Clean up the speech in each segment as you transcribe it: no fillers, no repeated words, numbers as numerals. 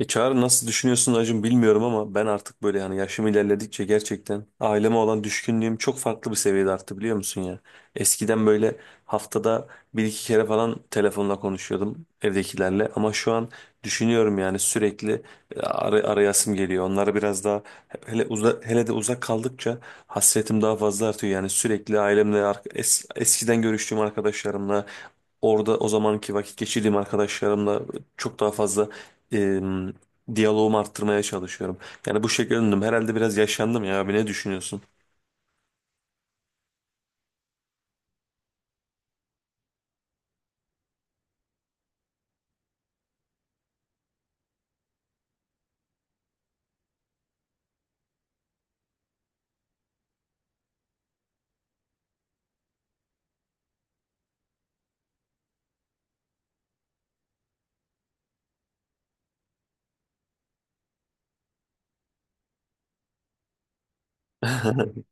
Çağrı nasıl düşünüyorsun Acun bilmiyorum ama ben artık böyle, yani yaşım ilerledikçe gerçekten aileme olan düşkünlüğüm çok farklı bir seviyede arttı, biliyor musun ya. Eskiden böyle haftada bir iki kere falan telefonla konuşuyordum evdekilerle, ama şu an düşünüyorum yani sürekli arayasım geliyor. Onlara biraz daha, hele de uzak kaldıkça hasretim daha fazla artıyor, yani sürekli ailemle eskiden görüştüğüm arkadaşlarımla, orada o zamanki vakit geçirdiğim arkadaşlarımla çok daha fazla e, diyaloğumu arttırmaya çalışıyorum. Yani bu şekilde döndüm. Herhalde biraz yaşlandım ya abi, ne düşünüyorsun?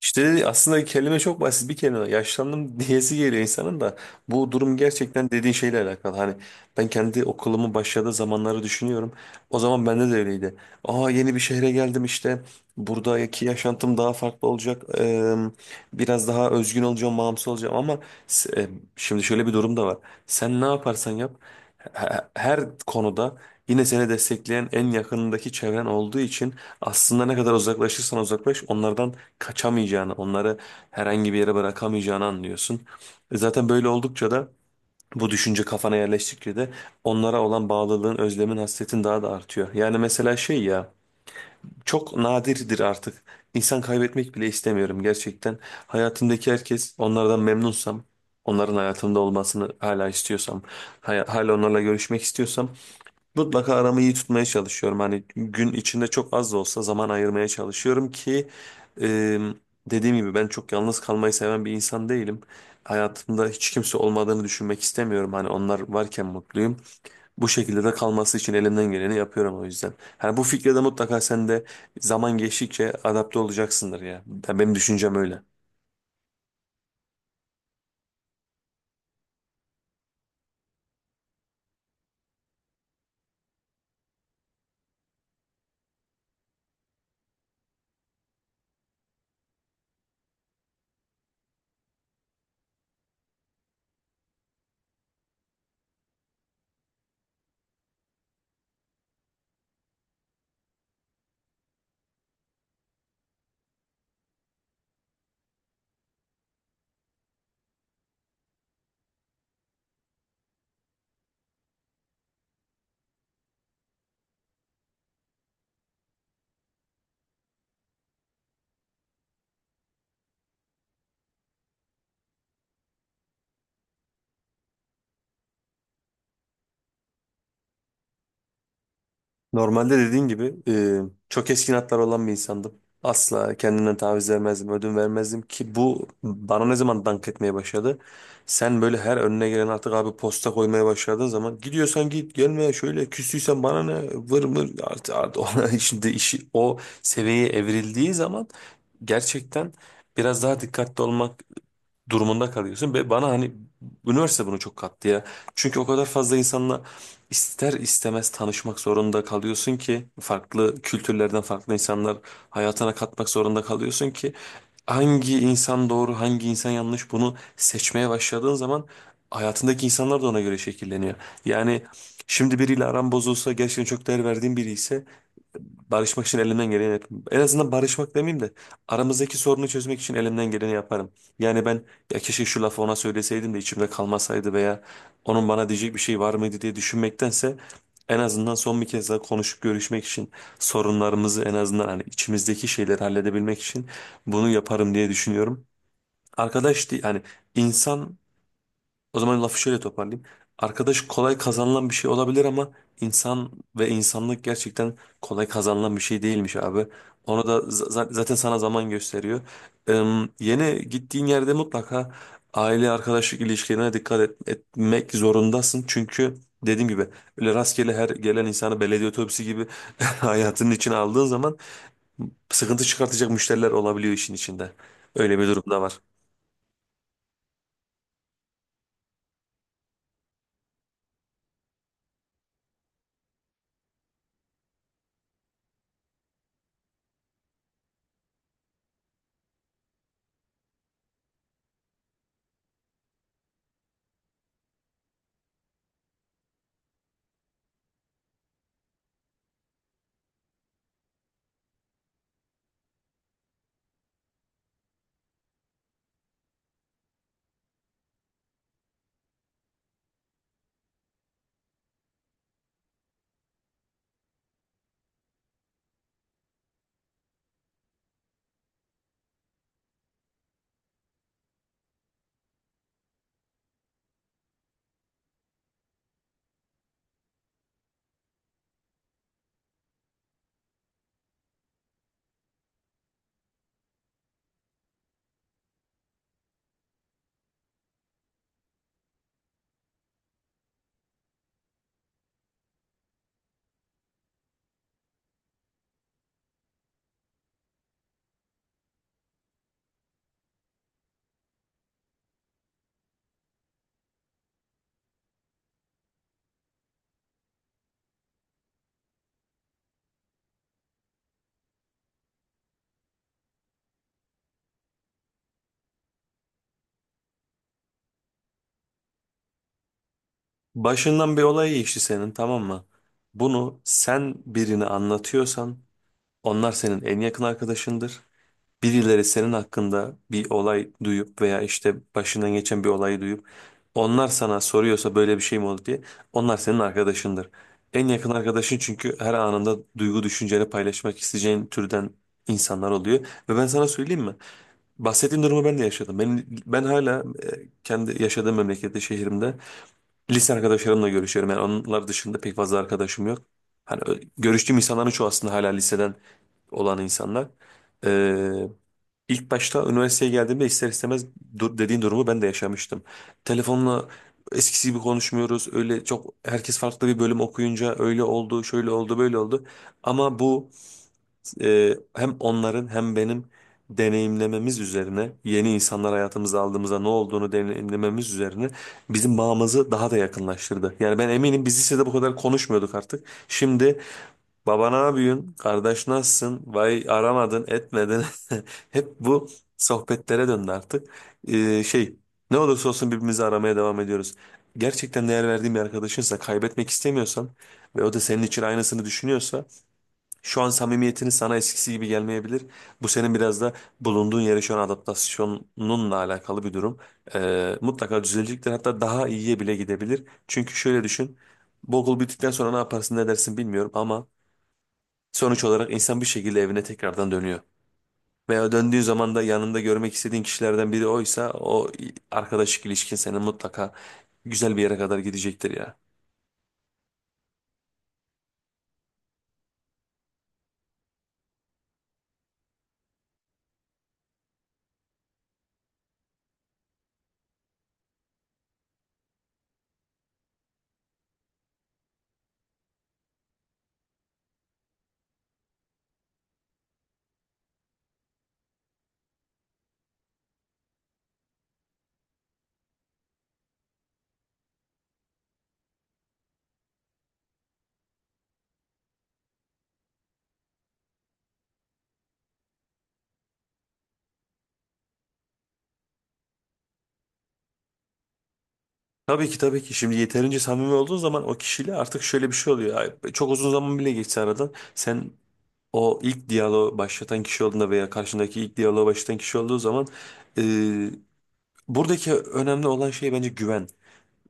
İşte aslında kelime çok basit bir kelime. Yaşlandım diyesi geliyor insanın, da bu durum gerçekten dediğin şeyle alakalı. Hani ben kendi okulumun başladığı zamanları düşünüyorum. O zaman bende de öyleydi. Aa, yeni bir şehre geldim işte. Buradaki yaşantım daha farklı olacak. Biraz daha özgün olacağım, bağımsız olacağım, ama s- e, şimdi şöyle bir durum da var. Sen ne yaparsan yap, he- her konuda yine seni destekleyen en yakınındaki çevren olduğu için aslında ne kadar uzaklaşırsan uzaklaş, onlardan kaçamayacağını, onları herhangi bir yere bırakamayacağını anlıyorsun. E zaten böyle oldukça da, bu düşünce kafana yerleştikçe de onlara olan bağlılığın, özlemin, hasretin daha da artıyor. Yani mesela şey ya, çok nadirdir artık. İnsan kaybetmek bile istemiyorum gerçekten. Hayatımdaki herkes, onlardan memnunsam, onların hayatımda olmasını hala istiyorsam, hala onlarla görüşmek istiyorsam mutlaka aramı iyi tutmaya çalışıyorum. Hani gün içinde çok az da olsa zaman ayırmaya çalışıyorum ki, e, dediğim gibi ben çok yalnız kalmayı seven bir insan değilim. Hayatımda hiç kimse olmadığını düşünmek istemiyorum. Hani onlar varken mutluyum. Bu şekilde de kalması için elimden geleni yapıyorum o yüzden. Hani bu fikre de mutlaka sen de zaman geçtikçe adapte olacaksındır ya. Yani benim düşüncem öyle. Normalde dediğin gibi, çok keskin hatlar olan bir insandım. Asla kendimden taviz vermezdim, ödün vermezdim ki bu bana ne zaman dank etmeye başladı. Sen böyle her önüne gelen artık abi posta koymaya başladığın zaman, gidiyorsan git gelme, şöyle küstüysen bana ne vır mır artık, ona şimdi işi o seviyeye evrildiği zaman gerçekten biraz daha dikkatli olmak durumunda kalıyorsun. Ve bana hani üniversite bunu çok kattı ya. Çünkü o kadar fazla insanla ister istemez tanışmak zorunda kalıyorsun ki, farklı kültürlerden farklı insanlar hayatına katmak zorunda kalıyorsun ki, hangi insan doğru, hangi insan yanlış, bunu seçmeye başladığın zaman hayatındaki insanlar da ona göre şekilleniyor. Yani şimdi biriyle aran bozulsa, gerçekten çok değer verdiğin biri ise barışmak için elimden geleni yaparım. En azından barışmak demeyeyim de aramızdaki sorunu çözmek için elimden geleni yaparım. Yani ben, ya keşke şu lafı ona söyleseydim de içimde kalmasaydı veya onun bana diyecek bir şey var mıydı diye düşünmektense en azından son bir kez daha konuşup görüşmek için, sorunlarımızı en azından hani içimizdeki şeyleri halledebilmek için bunu yaparım diye düşünüyorum. Arkadaş değil hani, insan, o zaman lafı şöyle toparlayayım. Arkadaş kolay kazanılan bir şey olabilir, ama insan ve insanlık gerçekten kolay kazanılan bir şey değilmiş abi. Onu da zaten sana zaman gösteriyor. Ee, Yeni gittiğin yerde mutlaka aile arkadaşlık ilişkilerine dikkat etmek zorundasın. Çünkü dediğim gibi öyle rastgele her gelen insanı belediye otobüsü gibi hayatının içine aldığın zaman sıkıntı çıkartacak müşteriler olabiliyor işin içinde. Öyle bir durum da var. Başından bir olay geçti senin, tamam mı? Bunu sen birine anlatıyorsan onlar senin en yakın arkadaşındır. Birileri senin hakkında bir olay duyup veya işte başından geçen bir olayı duyup onlar sana soruyorsa böyle bir şey mi oldu diye, onlar senin arkadaşındır. En yakın arkadaşın, çünkü her anında duygu düşünceni paylaşmak isteyeceğin türden insanlar oluyor. Ve ben sana söyleyeyim mi? Bahsettiğin durumu ben de yaşadım. Ben hala, kendi yaşadığım memlekette, şehrimde lise arkadaşlarımla görüşüyorum. Yani onlar dışında pek fazla arkadaşım yok. Hani görüştüğüm insanların çoğu aslında hala liseden olan insanlar. Ee, ilk başta üniversiteye geldiğimde ister istemez dur dediğin durumu ben de yaşamıştım. Telefonla eskisi gibi konuşmuyoruz. Öyle çok, herkes farklı bir bölüm okuyunca öyle oldu, şöyle oldu, böyle oldu. Ama bu hem onların hem benim deneyimlememiz üzerine, yeni insanlar hayatımıza aldığımızda ne olduğunu deneyimlememiz üzerine bizim bağımızı daha da yakınlaştırdı. Yani ben eminim biz lisede bu kadar konuşmuyorduk artık. Şimdi baba ne yapıyorsun, kardeş nasılsın, vay aramadın, etmedin. Hep bu sohbetlere döndü artık. Şey, ne olursa olsun birbirimizi aramaya devam ediyoruz. Gerçekten değer verdiğim bir arkadaşınsa, kaybetmek istemiyorsan ve o da senin için aynısını düşünüyorsa, şu an samimiyetini sana eskisi gibi gelmeyebilir. Bu senin biraz da bulunduğun yere şu an adaptasyonunla alakalı bir durum. Mutlaka düzelecektir. Hatta daha iyiye bile gidebilir. Çünkü şöyle düşün. Bu okul bittikten sonra ne yaparsın ne dersin bilmiyorum, ama sonuç olarak insan bir şekilde evine tekrardan dönüyor. Veya döndüğün zaman da yanında görmek istediğin kişilerden biri oysa, o arkadaşlık ilişkin seni mutlaka güzel bir yere kadar gidecektir ya. Tabii ki, tabii ki. Şimdi yeterince samimi olduğun zaman o kişiyle artık şöyle bir şey oluyor. Ay, çok uzun zaman bile geçse aradan, sen o ilk diyaloğu başlatan kişi olduğunda veya karşındaki ilk diyaloğu başlatan kişi olduğu zaman, e, buradaki önemli olan şey bence güven.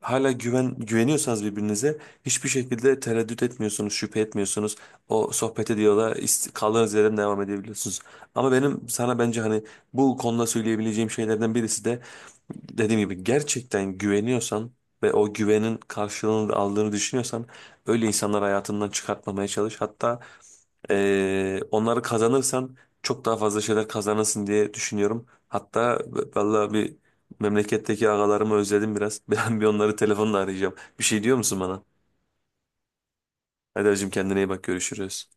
Hala güveniyorsanız birbirinize, hiçbir şekilde tereddüt etmiyorsunuz, şüphe etmiyorsunuz. O sohbet ediyorlar, kaldığınız yerden devam edebiliyorsunuz. Ama benim sana bence hani bu konuda söyleyebileceğim şeylerden birisi de, dediğim gibi gerçekten güveniyorsan ve o güvenin karşılığını aldığını düşünüyorsan, öyle insanlar hayatından çıkartmamaya çalış. Hatta onları kazanırsan çok daha fazla şeyler kazanırsın diye düşünüyorum. Hatta vallahi bir, memleketteki ağalarımı özledim biraz. Ben bir onları telefonla arayacağım. Bir şey diyor musun bana? Hadi hacım, kendine iyi bak, görüşürüz.